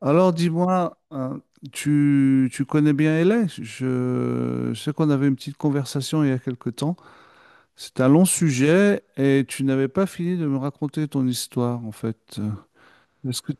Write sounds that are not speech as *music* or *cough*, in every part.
Alors dis-moi, hein, tu connais bien LA? Je sais qu'on avait une petite conversation il y a quelque temps. C'est un long sujet et tu n'avais pas fini de me raconter ton histoire en fait. Est-ce que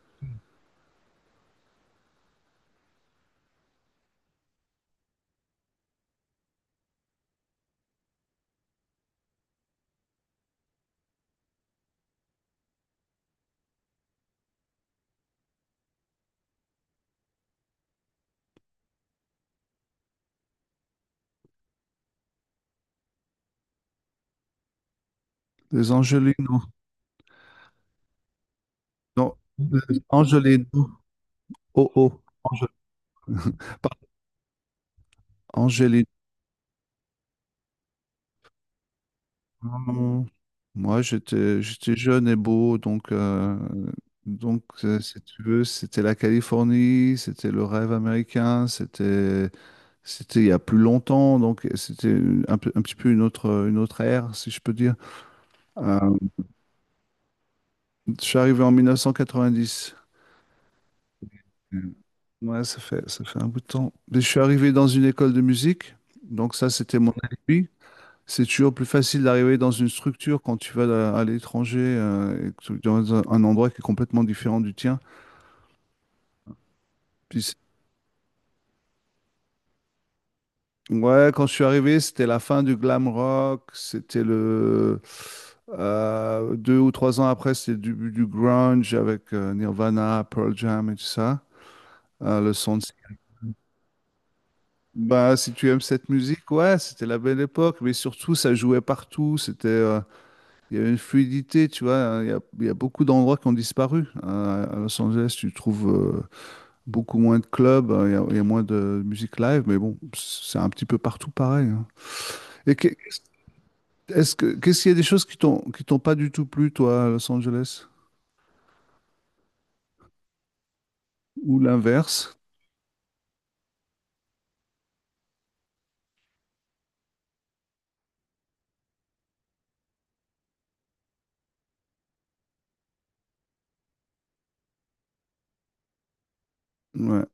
les Angelinos, non, les Angelinos, oh oh, pardon, Angelinos. Moi j'étais jeune et beau donc si tu veux c'était la Californie, c'était le rêve américain, c'était il y a plus longtemps, donc c'était un petit peu une autre ère, si je peux dire. Euh, je suis arrivé en 1990. Ouais, ça fait un bout de temps. Mais je suis arrivé dans une école de musique, donc ça, c'était mon alibi. C'est toujours plus facile d'arriver dans une structure quand tu vas à l'étranger, et que dans un endroit qui est complètement différent du tien. Puis ouais, quand je suis arrivé, c'était la fin du glam rock. C'était le Deux ou trois ans après, c'était le début du grunge avec Nirvana, Pearl Jam et tout ça. Le son de... Bah, si tu aimes cette musique, ouais, c'était la belle époque. Mais surtout, ça jouait partout. Il y avait une fluidité, tu vois, hein. Il y a beaucoup d'endroits qui ont disparu. À Los Angeles, tu trouves euh, beaucoup moins de clubs. Il y a moins de musique live. Mais bon, c'est un petit peu partout pareil, hein. Et que- Est-ce qu'est-ce qu'il y a des choses qui qui t'ont pas du tout plu, toi, à Los Angeles? Ou l'inverse? Ouais.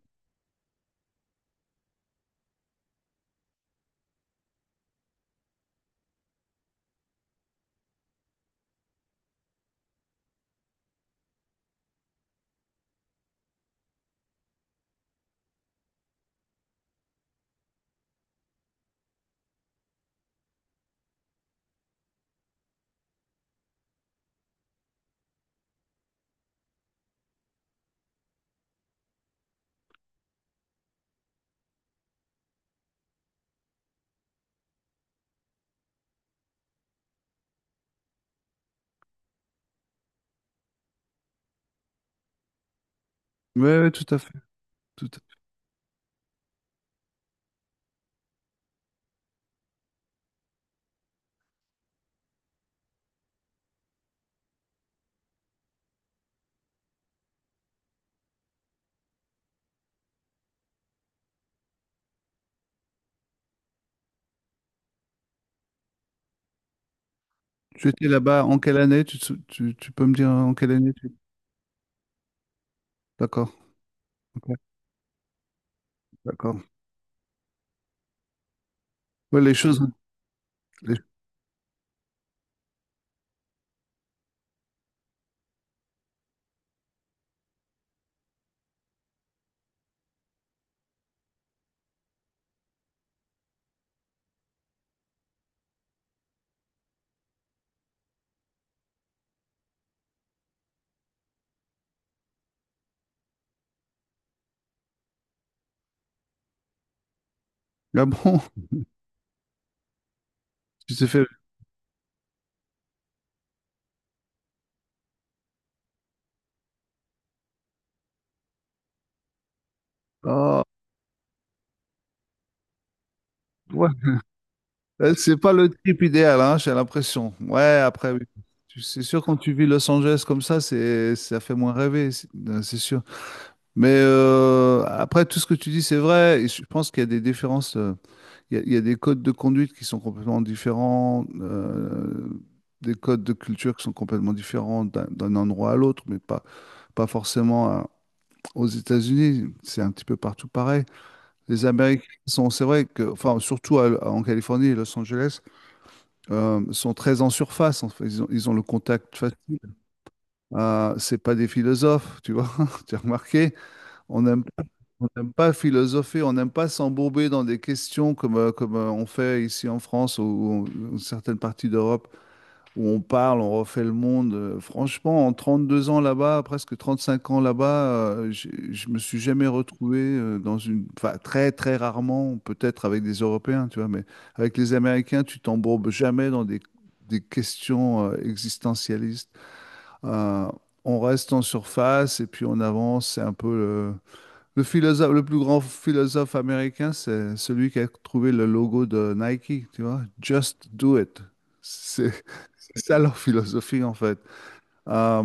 Ouais, ouais, tout à fait, tout à fait. Tu étais là-bas en quelle année? Tu, te sou- tu peux me dire en quelle année tu... D'accord, ok, d'accord. Ouais, les choses. les- Ah bon? *laughs* Tu t'es fait. Ah, ouais. C'est pas le trip idéal, hein, j'ai l'impression. Ouais, après, oui. C'est sûr, quand tu vis Los Angeles comme ça, c'est, ça fait moins rêver, c'est sûr. Mais après, tout ce que tu dis, c'est vrai. Et je pense qu'il y a des différences. Il y a des codes de conduite qui sont complètement différents, des codes de culture qui sont complètement différents d'un endroit à l'autre, mais pas, pas forcément aux États-Unis. C'est un petit peu partout pareil. Les Américains sont, c'est vrai que, enfin, surtout en Californie et Los Angeles, sont très en surface. En fait. Ils ont le contact facile. C'est pas des philosophes, tu vois. *laughs* Tu as remarqué, on aime on n'aime pas philosopher, on n'aime pas s'embourber dans des questions comme, on fait ici en France ou en certaines parties d'Europe où on parle, on refait le monde. Franchement, en 32 ans là-bas, presque 35 ans là-bas, je me suis jamais retrouvé dans une... Enfin, très, très rarement, peut-être avec des Européens, tu vois, mais avec les Américains, tu t'embourbes jamais dans des questions existentialistes. Euh, on reste en surface et puis on avance, c'est un peu... le philosophe, le plus grand philosophe américain, c'est celui qui a trouvé le logo de Nike, tu vois, Just do it. C'est *laughs* c'est ça leur philosophie en fait. Euh,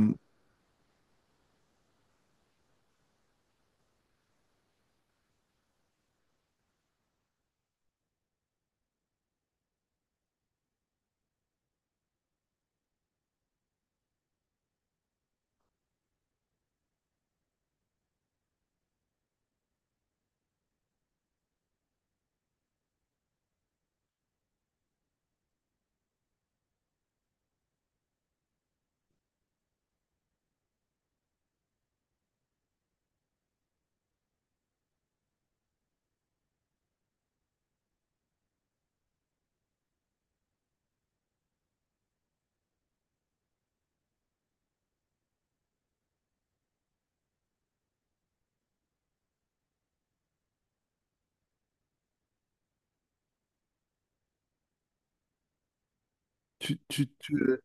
tu, tu- tu-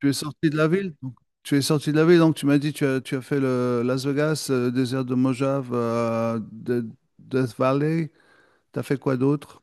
Tu es sorti de la ville, donc, tu es sorti de la ville, donc tu m'as dit tu as fait le Las Vegas, le désert de Mojave, Death Valley. T'as fait quoi d'autre?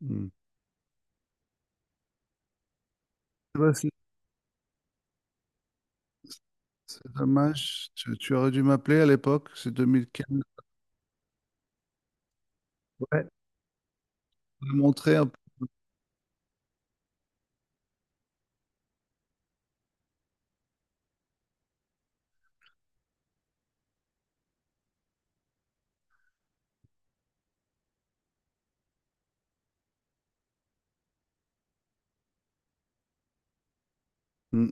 Hmm. Ouais, C'est c'est dommage. Tu aurais dû m'appeler à l'époque, c'est 2015. Ouais. Me montrer un peu.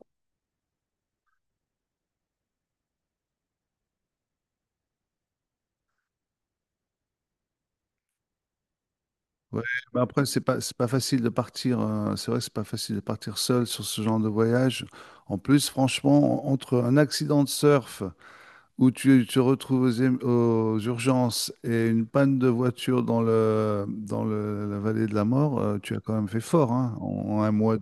Ouais, mais après, c'est pas facile de partir. Euh, c'est vrai que c'est pas facile de partir seul sur ce genre de voyage. En plus, franchement, entre un accident de surf où tu te retrouves aux urgences et une panne de voiture dans la vallée de la mort, tu as quand même fait fort, hein, en un mois.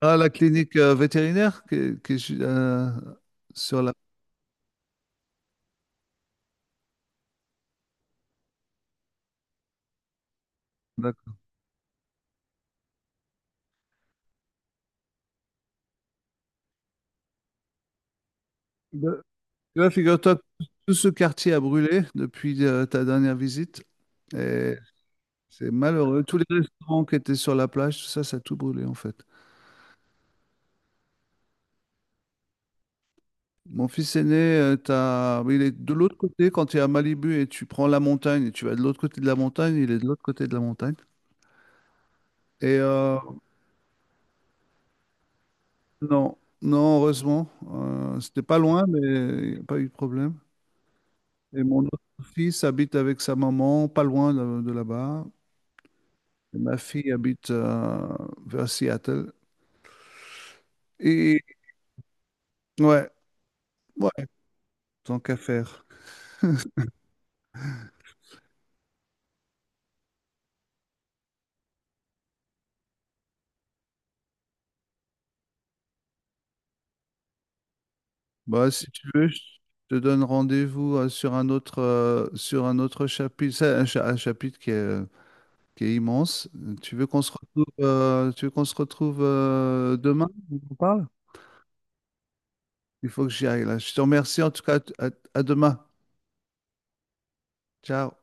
Ah, la clinique vétérinaire qui est sur la. la- de- Tu vois, figure-toi, tout ce quartier a brûlé depuis ta dernière visite. Et c'est malheureux. Tous les restaurants qui étaient sur la plage, tout ça, ça a tout brûlé en fait. Mon fils aîné, t'as... il est de l'autre côté quand tu es à Malibu et tu prends la montagne et tu vas de l'autre côté de la montagne, il est de l'autre côté de la montagne. Et non, non, heureusement, c'était pas loin, mais il n'y a pas eu de problème. Et mon autre fils habite avec sa maman, pas loin de là-bas. Et ma fille habite vers Seattle. Et ouais, ouais, tant qu'à faire. Bah, si tu veux, je te donne rendez-vous sur un autre chapitre. C'est un chapitre qui est immense. Tu veux qu'on se retrouve, demain? On en parle? Il faut que j'y aille là. Je te remercie en tout cas. À à demain. Ciao.